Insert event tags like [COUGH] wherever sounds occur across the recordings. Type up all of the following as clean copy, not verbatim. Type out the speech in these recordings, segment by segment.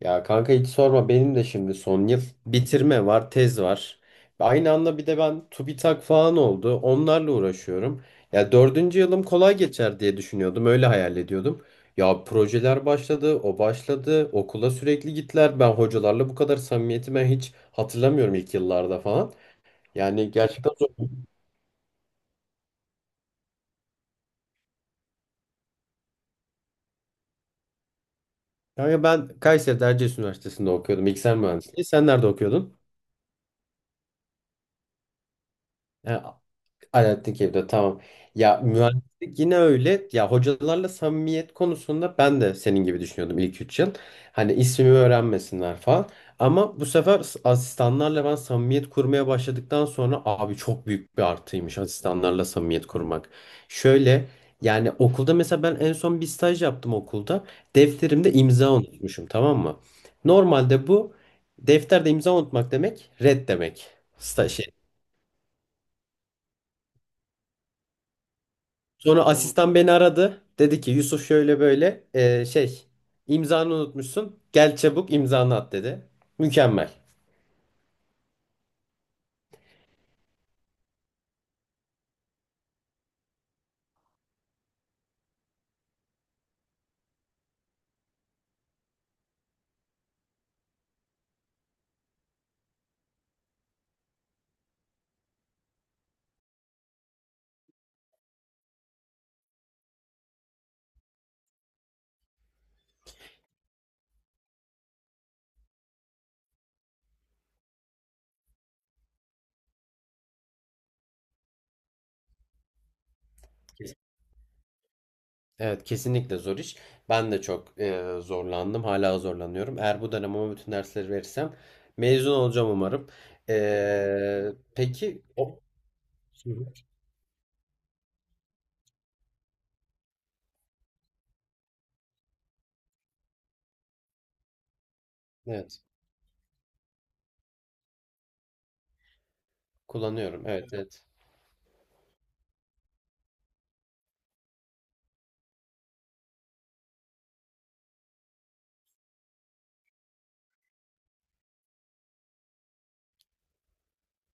Ya kanka hiç sorma, benim de şimdi son yıl bitirme var, tez var. Aynı anda bir de ben TÜBİTAK falan oldu. Onlarla uğraşıyorum. Ya dördüncü yılım kolay geçer diye düşünüyordum. Öyle hayal ediyordum. Ya projeler başladı, o başladı. Okula sürekli gittiler. Ben hocalarla bu kadar samimiyeti hiç hatırlamıyorum ilk yıllarda falan. Yani gerçekten zor. Kanka ben Kayseri'de Erciyes Üniversitesi'nde okuyordum. Bilgisayar mühendisliği. Sen nerede okuyordun? Alaaddin evde tamam. Ya mühendislik yine öyle. Ya hocalarla samimiyet konusunda ben de senin gibi düşünüyordum ilk 3 yıl. Hani ismimi öğrenmesinler falan. Ama bu sefer asistanlarla ben samimiyet kurmaya başladıktan sonra abi çok büyük bir artıymış asistanlarla samimiyet kurmak. Şöyle, yani okulda mesela ben en son bir staj yaptım okulda. Defterimde imza unutmuşum, tamam mı? Normalde bu defterde imza unutmak demek red demek. Staj Sonra, tamam. Asistan beni aradı. Dedi ki Yusuf şöyle böyle, şey, imzanı unutmuşsun. Gel çabuk imzanı at, dedi. Mükemmel. Kes- Evet, kesinlikle zor iş. Ben de çok zorlandım. Hala zorlanıyorum. Eğer bu dönem ama bütün dersleri verirsem mezun olacağım umarım. Peki, evet, kullanıyorum. Evet, evet.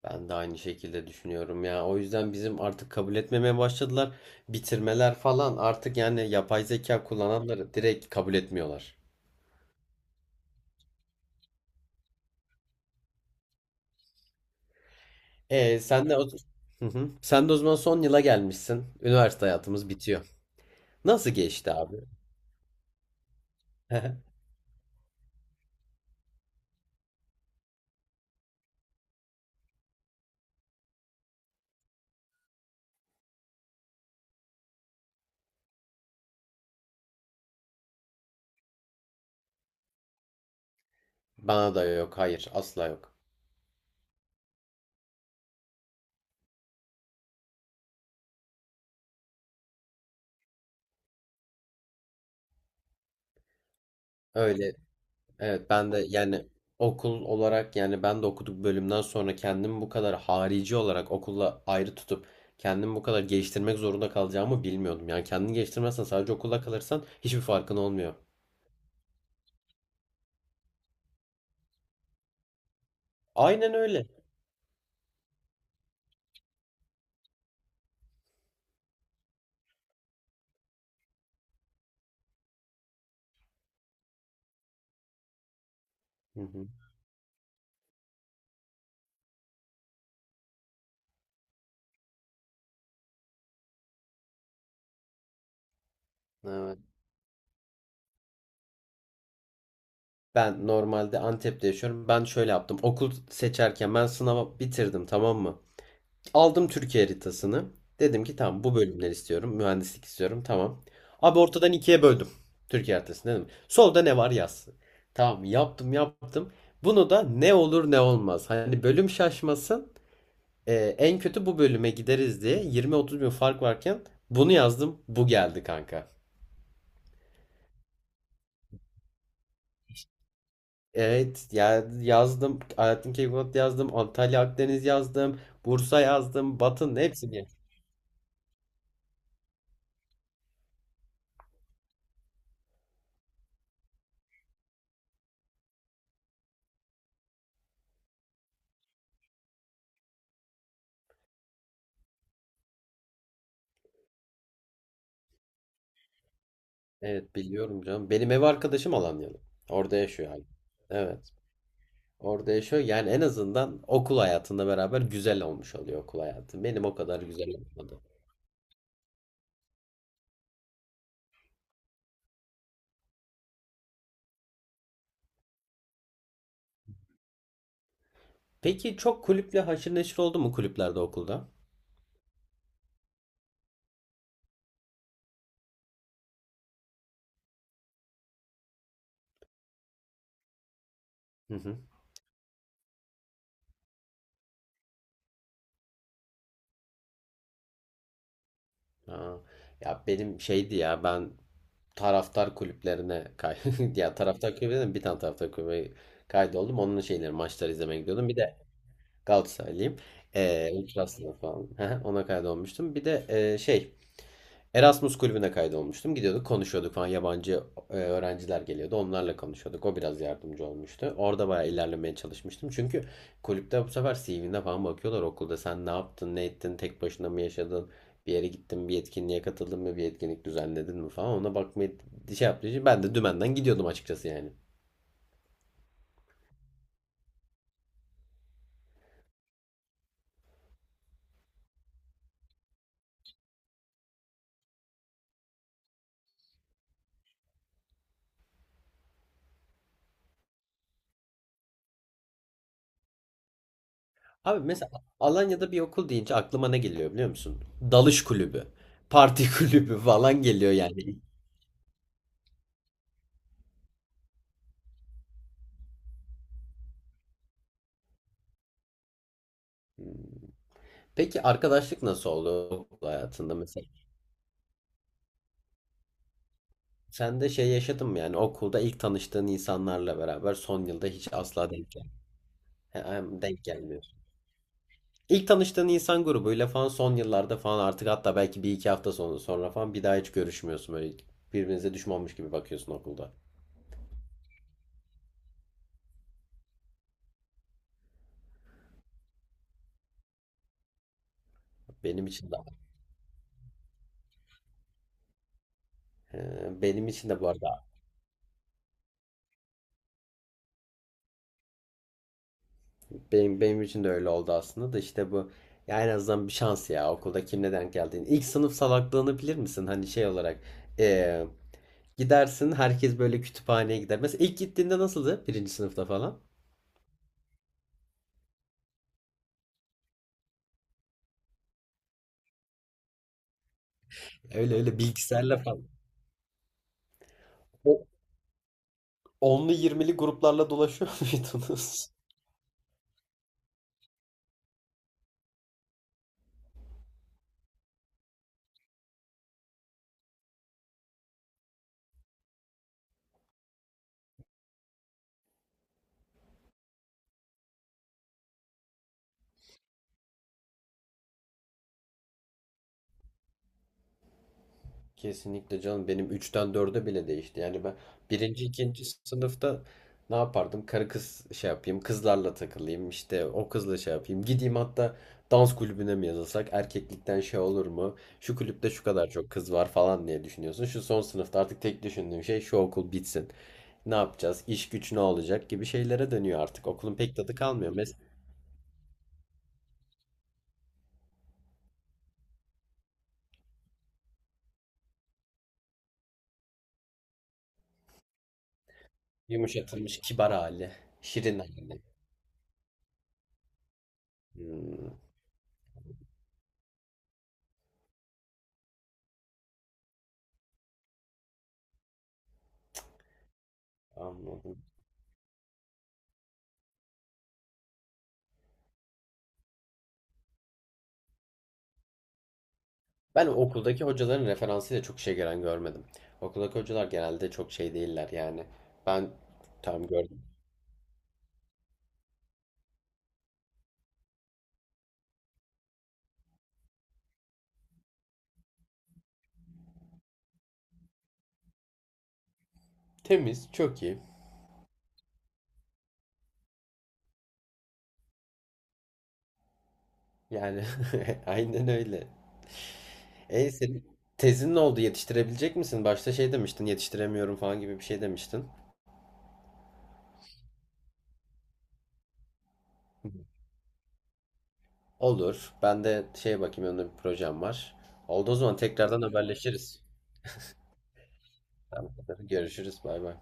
Ben de aynı şekilde düşünüyorum ya. O yüzden bizim artık kabul etmemeye başladılar. Bitirmeler falan artık yani yapay zeka kullananları direkt kabul etmiyorlar. E sen de o... Hı hı. Sen de o zaman son yıla gelmişsin. Üniversite hayatımız bitiyor. Nasıl geçti abi? [LAUGHS] Bana da yok, hayır, asla yok. Öyle. Evet, ben de yani okul olarak, yani ben de okuduk bölümden sonra kendimi bu kadar harici olarak okulla ayrı tutup kendimi bu kadar geliştirmek zorunda kalacağımı bilmiyordum. Yani kendini geliştirmezsen sadece okulla kalırsan hiçbir farkın olmuyor. Aynen öyle. Hı hı. Evet. Ben normalde Antep'te yaşıyorum. Ben şöyle yaptım. Okul seçerken ben sınava bitirdim, tamam mı? Aldım Türkiye haritasını. Dedim ki tamam, bu bölümleri istiyorum. Mühendislik istiyorum. Tamam. Abi ortadan ikiye böldüm. Türkiye haritasını, dedim, solda ne var yaz. Tamam, yaptım yaptım. Bunu da ne olur ne olmaz. Hani bölüm şaşmasın. En kötü bu bölüme gideriz diye 20-30 bin fark varken bunu yazdım. Bu geldi kanka. Evet ya, yazdım. Alaaddin Keykubat yazdım. Antalya Akdeniz yazdım. Bursa yazdım. Batın hepsini. Evet, biliyorum canım. Benim ev arkadaşım Alanyalı. Orada yaşıyor abi. Evet. Orada yaşıyor. Yani en azından okul hayatında beraber güzel olmuş oluyor okul hayatı. Benim o kadar güzel olmadı. Peki, çok kulüple haşır neşir oldu mu kulüplerde, okulda? Hı hı. Aa, ya benim şeydi ya ben taraftar kulüplerine [LAUGHS] ya taraftar kulübüne bir tane taraftar kulübüne kaydoldum. Onun şeyleri, maçları izlemeye gidiyordum. Bir de Galatasaraylıyım. Ultras'la falan. [LAUGHS] Ona kaydolmuştum. Bir de şey, Erasmus kulübüne kaydolmuştum. Gidiyorduk, konuşuyorduk falan. Yabancı öğrenciler geliyordu. Onlarla konuşuyorduk. O biraz yardımcı olmuştu. Orada bayağı ilerlemeye çalışmıştım. Çünkü kulüpte bu sefer CV'ne falan bakıyorlar okulda. Sen ne yaptın, ne ettin, tek başına mı yaşadın, bir yere gittin, bir etkinliğe katıldın mı, bir etkinlik düzenledin mi falan. Ona bakmayı şey yaptığı ben de dümenden gidiyordum açıkçası yani. Abi mesela Alanya'da bir okul deyince aklıma ne geliyor biliyor musun? Dalış kulübü, parti [LAUGHS] kulübü falan geliyor yani. Peki, arkadaşlık nasıl oldu okul hayatında mesela? Sen de şey yaşadın mı yani okulda ilk tanıştığın insanlarla beraber son yılda hiç asla denk gel He, hem denk gelmiyor. İlk tanıştığın insan grubuyla falan son yıllarda falan artık, hatta belki bir iki hafta sonra falan bir daha hiç görüşmüyorsun, böyle birbirinize düşmanmış gibi bakıyorsun okulda. Benim için de he, benim için de bu arada, benim için de öyle oldu aslında, da işte bu, ya en azından bir şans ya okulda kimle denk geldiğin. İlk sınıf salaklığını bilir misin? Hani şey olarak, e, gidersin, herkes böyle kütüphaneye gider. Mesela ilk gittiğinde nasıldı? Birinci sınıfta falan. Öyle öyle, bilgisayarla falan. O onlu yirmili gruplarla dolaşıyor [LAUGHS] muydunuz? Kesinlikle canım, benim üçten 4'e bile değişti. Yani ben birinci ikinci sınıfta ne yapardım? Karı kız şey yapayım, kızlarla takılayım, işte o kızla şey yapayım. Gideyim hatta, dans kulübüne mi yazılsak? Erkeklikten şey olur mu? Şu kulüpte şu kadar çok kız var falan diye düşünüyorsun. Şu son sınıfta artık tek düşündüğüm şey şu okul bitsin. Ne yapacağız? İş güç ne olacak gibi şeylere dönüyor artık. Okulun pek tadı kalmıyor. Yumuşatılmış kibar hali, şirin hali. Hmm, anladım. Ben okuldaki hocaların referansıyla çok şey gelen görmedim. Okuldaki hocalar genelde çok şey değiller yani. Ben tam gördüm. Temiz, çok iyi. Yani [LAUGHS] aynen öyle. Senin tezin ne oldu? Yetiştirebilecek misin? Başta şey demiştin, yetiştiremiyorum falan gibi bir şey demiştin. Olur. Ben de şey bakayım, önümde bir projem var. Oldu o zaman, tekrardan haberleşiriz. Tamam. Görüşürüz. Bay bay.